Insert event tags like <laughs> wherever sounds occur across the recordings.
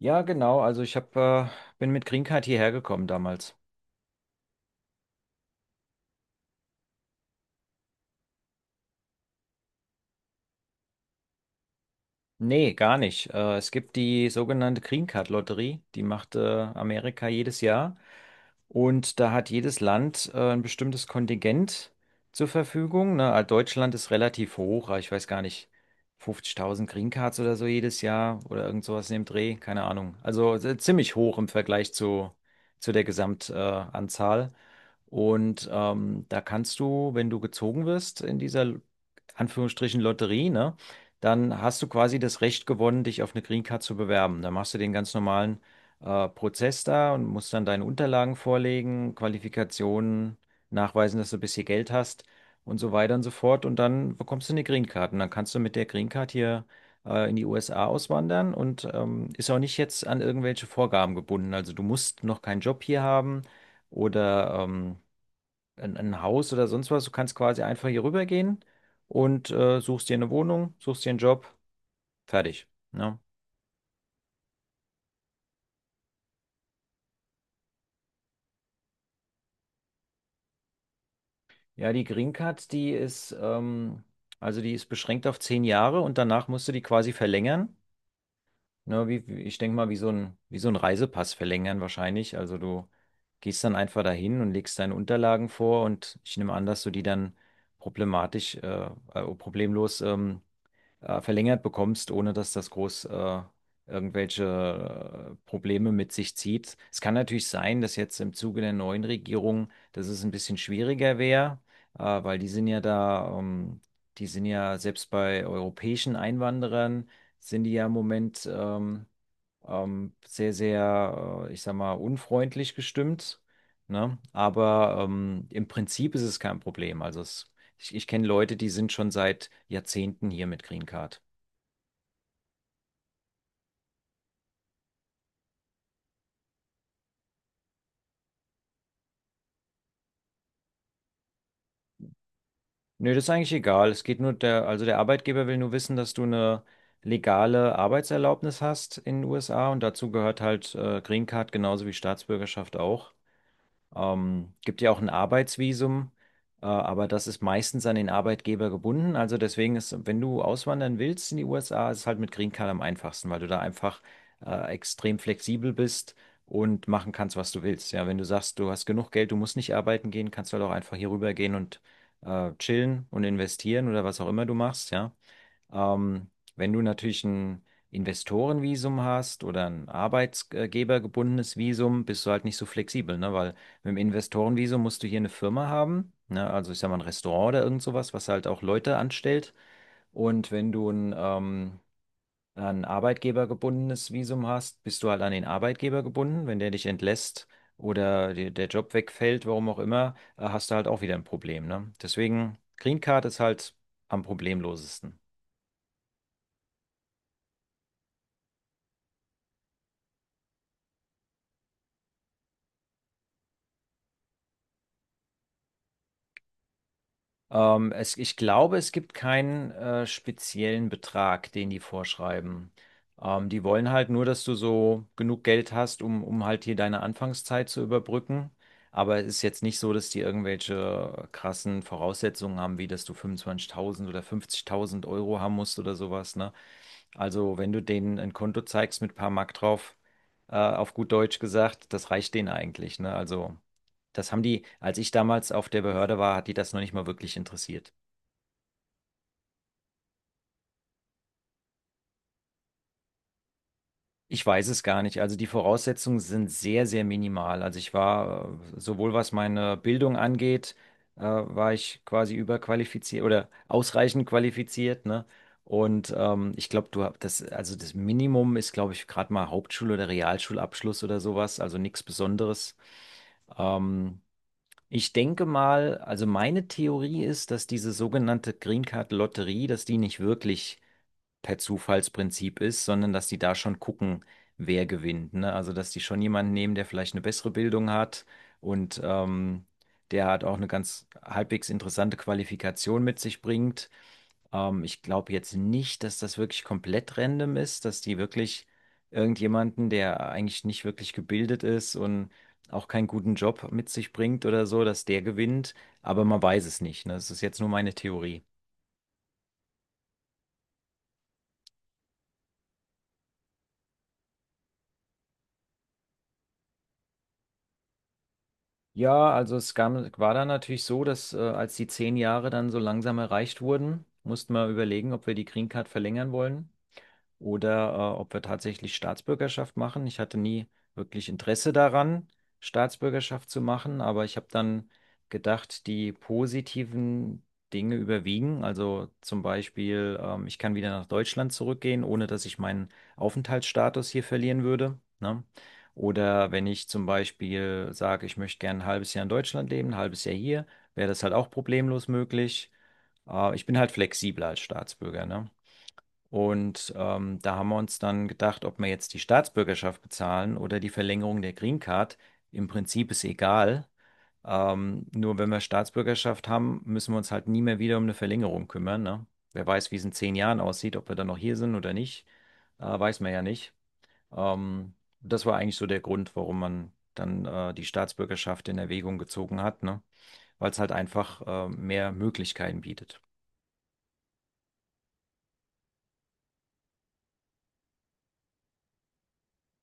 Ja, genau. Also ich bin mit Green Card hierher gekommen damals. Nee, gar nicht. Es gibt die sogenannte Green Card Lotterie, die macht Amerika jedes Jahr. Und da hat jedes Land ein bestimmtes Kontingent zur Verfügung. Ne? Deutschland ist relativ hoch, ich weiß gar nicht, 50.000 Green Cards oder so jedes Jahr oder irgend sowas in dem Dreh, keine Ahnung. Also ziemlich hoch im Vergleich zu der Gesamtanzahl. Anzahl. Und da kannst du, wenn du gezogen wirst in dieser Anführungsstrichen Lotterie, ne, dann hast du quasi das Recht gewonnen, dich auf eine Green Card zu bewerben. Dann machst du den ganz normalen Prozess da und musst dann deine Unterlagen vorlegen, Qualifikationen nachweisen, dass du ein bisschen Geld hast und so weiter und so fort. Und dann bekommst du eine Green Card. Und dann kannst du mit der Green Card hier in die USA auswandern und ist auch nicht jetzt an irgendwelche Vorgaben gebunden. Also du musst noch keinen Job hier haben oder. Ein Haus oder sonst was. Du kannst quasi einfach hier rübergehen und suchst dir eine Wohnung, suchst dir einen Job, fertig. Ne? Ja, die Green Card, also die ist beschränkt auf 10 Jahre und danach musst du die quasi verlängern. Ne, ich denke mal, wie so ein Reisepass verlängern wahrscheinlich. Also du gehst dann einfach dahin und legst deine Unterlagen vor und ich nehme an, dass du die dann problematisch, äh, problemlos verlängert bekommst, ohne dass das groß irgendwelche Probleme mit sich zieht. Es kann natürlich sein, dass jetzt im Zuge der neuen Regierung, dass es ein bisschen schwieriger wäre, weil die sind ja da, die sind ja selbst bei europäischen Einwanderern, sind die ja im Moment sehr, sehr, ich sag mal, unfreundlich gestimmt. Ne? Aber im Prinzip ist es kein Problem. Also ich kenne Leute, die sind schon seit Jahrzehnten hier mit Green Card. Nö, das ist eigentlich egal. Es geht nur der, also der Arbeitgeber will nur wissen, dass du eine legale Arbeitserlaubnis hast in den USA und dazu gehört halt Green Card genauso wie Staatsbürgerschaft auch. Gibt ja auch ein Arbeitsvisum, aber das ist meistens an den Arbeitgeber gebunden. Also deswegen ist, wenn du auswandern willst in die USA, ist es halt mit Green Card am einfachsten, weil du da einfach extrem flexibel bist und machen kannst, was du willst. Ja, wenn du sagst, du hast genug Geld, du musst nicht arbeiten gehen, kannst du halt auch einfach hier rüber gehen und chillen und investieren oder was auch immer du machst, ja. Ähm, wenn du natürlich ein Investorenvisum hast oder ein arbeitsgebergebundenes Visum, bist du halt nicht so flexibel, ne? Weil mit dem Investorenvisum musst du hier eine Firma haben, ne? Also ich sag mal ein Restaurant oder irgend sowas, was halt auch Leute anstellt. Und wenn du ein arbeitgebergebundenes Visum hast, bist du halt an den Arbeitgeber gebunden. Wenn der dich entlässt oder dir der Job wegfällt, warum auch immer, hast du halt auch wieder ein Problem, ne? Deswegen, Green Card ist halt am problemlosesten. Ich glaube, es gibt keinen speziellen Betrag, den die vorschreiben. Die wollen halt nur, dass du so genug Geld hast, um halt hier deine Anfangszeit zu überbrücken. Aber es ist jetzt nicht so, dass die irgendwelche krassen Voraussetzungen haben, wie dass du 25.000 oder 50.000 Euro haben musst oder sowas, ne? Also, wenn du denen ein Konto zeigst mit paar Mark drauf, auf gut Deutsch gesagt, das reicht denen eigentlich, ne? Also, das haben die, als ich damals auf der Behörde war, hat die das noch nicht mal wirklich interessiert. Ich weiß es gar nicht. Also, die Voraussetzungen sind sehr, sehr minimal. Also sowohl was meine Bildung angeht, war ich quasi überqualifiziert oder ausreichend qualifiziert, ne? Und ich glaube, du hast das, also das Minimum ist, glaube ich, gerade mal Hauptschul- oder Realschulabschluss oder sowas, also nichts Besonderes. Ähm, ich denke mal, also meine Theorie ist, dass diese sogenannte Green Card Lotterie, dass die nicht wirklich per Zufallsprinzip ist, sondern dass die da schon gucken, wer gewinnt. Ne? Also, dass die schon jemanden nehmen, der vielleicht eine bessere Bildung hat und der hat auch eine ganz halbwegs interessante Qualifikation mit sich bringt. Ich glaube jetzt nicht, dass das wirklich komplett random ist, dass die wirklich irgendjemanden, der eigentlich nicht wirklich gebildet ist und auch keinen guten Job mit sich bringt oder so, dass der gewinnt. Aber man weiß es nicht. Ne? Das ist jetzt nur meine Theorie. Ja, also es gab, war dann natürlich so, dass als die 10 Jahre dann so langsam erreicht wurden, mussten wir überlegen, ob wir die Green Card verlängern wollen oder ob wir tatsächlich Staatsbürgerschaft machen. Ich hatte nie wirklich Interesse daran, Staatsbürgerschaft zu machen, aber ich habe dann gedacht, die positiven Dinge überwiegen. Also zum Beispiel, ich kann wieder nach Deutschland zurückgehen, ohne dass ich meinen Aufenthaltsstatus hier verlieren würde, ne? Oder wenn ich zum Beispiel sage, ich möchte gerne ein halbes Jahr in Deutschland leben, ein halbes Jahr hier, wäre das halt auch problemlos möglich. Ich bin halt flexibler als Staatsbürger, ne? Und da haben wir uns dann gedacht, ob wir jetzt die Staatsbürgerschaft bezahlen oder die Verlängerung der Green Card. Im Prinzip ist egal. Nur wenn wir Staatsbürgerschaft haben, müssen wir uns halt nie mehr wieder um eine Verlängerung kümmern, ne? Wer weiß, wie es in 10 Jahren aussieht, ob wir dann noch hier sind oder nicht, weiß man ja nicht. Ähm, das war eigentlich so der Grund, warum man dann die Staatsbürgerschaft in Erwägung gezogen hat, ne? Weil es halt einfach mehr Möglichkeiten bietet.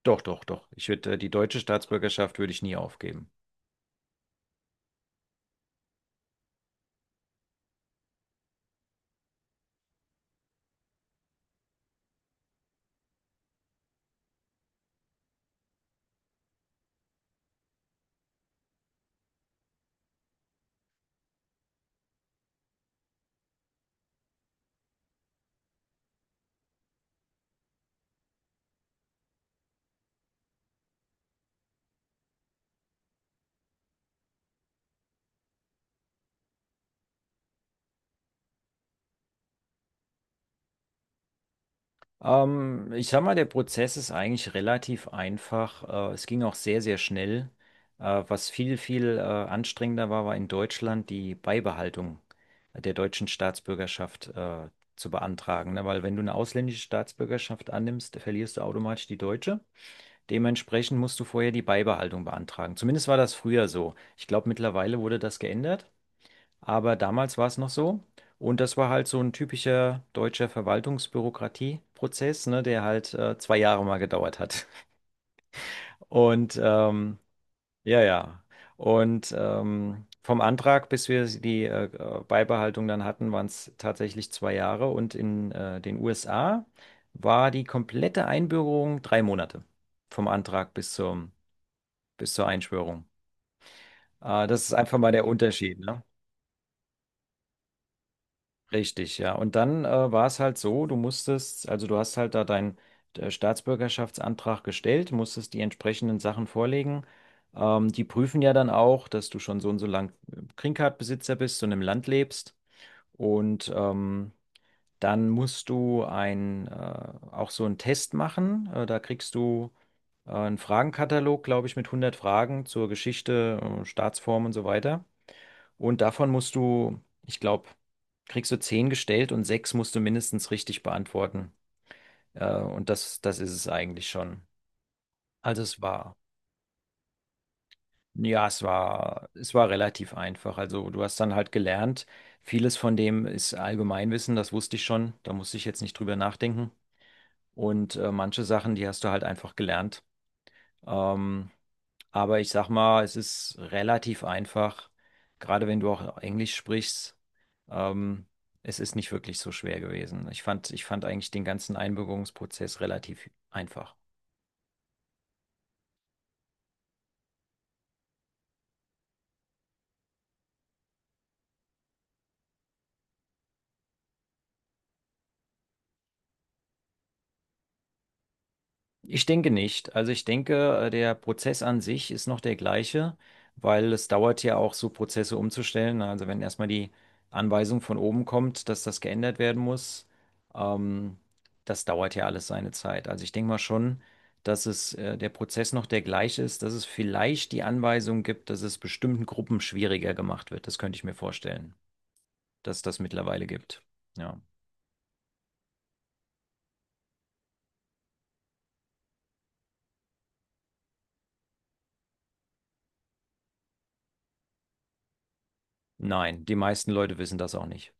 Doch, doch, doch. Ich würde die deutsche Staatsbürgerschaft würde ich nie aufgeben. Ich sag mal, der Prozess ist eigentlich relativ einfach. Es ging auch sehr, sehr schnell. Was viel, viel anstrengender war, war in Deutschland die Beibehaltung der deutschen Staatsbürgerschaft zu beantragen. Ne? Weil wenn du eine ausländische Staatsbürgerschaft annimmst, verlierst du automatisch die deutsche. Dementsprechend musst du vorher die Beibehaltung beantragen. Zumindest war das früher so. Ich glaube, mittlerweile wurde das geändert. Aber damals war es noch so. Und das war halt so ein typischer deutscher Verwaltungsbürokratieprozess, ne, der halt 2 Jahre mal gedauert hat. <laughs> Und ja, ja. Und vom Antrag, bis wir die Beibehaltung dann hatten, waren es tatsächlich 2 Jahre. Und in den USA war die komplette Einbürgerung 3 Monate vom Antrag bis zum, bis zur Einschwörung. Das ist einfach mal der Unterschied, ne? Richtig, ja. Und dann war es halt so, du musstest, also du hast halt da deinen Staatsbürgerschaftsantrag gestellt, musstest die entsprechenden Sachen vorlegen. Die prüfen ja dann auch, dass du schon so und so lang Green Card-Besitzer bist und im Land lebst. Und dann musst du auch so einen Test machen. Da kriegst du einen Fragenkatalog, glaube ich, mit 100 Fragen zur Geschichte, Staatsform und so weiter. Und davon musst du, ich glaube, kriegst du 10 gestellt und sechs musst du mindestens richtig beantworten. Und das, das ist es eigentlich schon. Also es war, ja, es war relativ einfach. Also du hast dann halt gelernt, vieles von dem ist Allgemeinwissen, das wusste ich schon, da musste ich jetzt nicht drüber nachdenken. Und manche Sachen, die hast du halt einfach gelernt. Ähm, Aber ich sag mal, es ist relativ einfach, gerade wenn du auch Englisch sprichst. Ähm, es ist nicht wirklich so schwer gewesen. Ich fand eigentlich den ganzen Einbürgerungsprozess relativ einfach. Ich denke nicht. Also ich denke, der Prozess an sich ist noch der gleiche, weil es dauert ja auch so Prozesse umzustellen. Also wenn erstmal die Anweisung von oben kommt, dass das geändert werden muss, ähm, das dauert ja alles seine Zeit. Also ich denke mal schon, dass es, der Prozess noch der gleiche ist, dass es vielleicht die Anweisung gibt, dass es bestimmten Gruppen schwieriger gemacht wird. Das könnte ich mir vorstellen, dass das mittlerweile gibt. Ja. Nein, die meisten Leute wissen das auch nicht.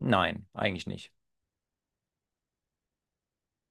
Nein, eigentlich nicht.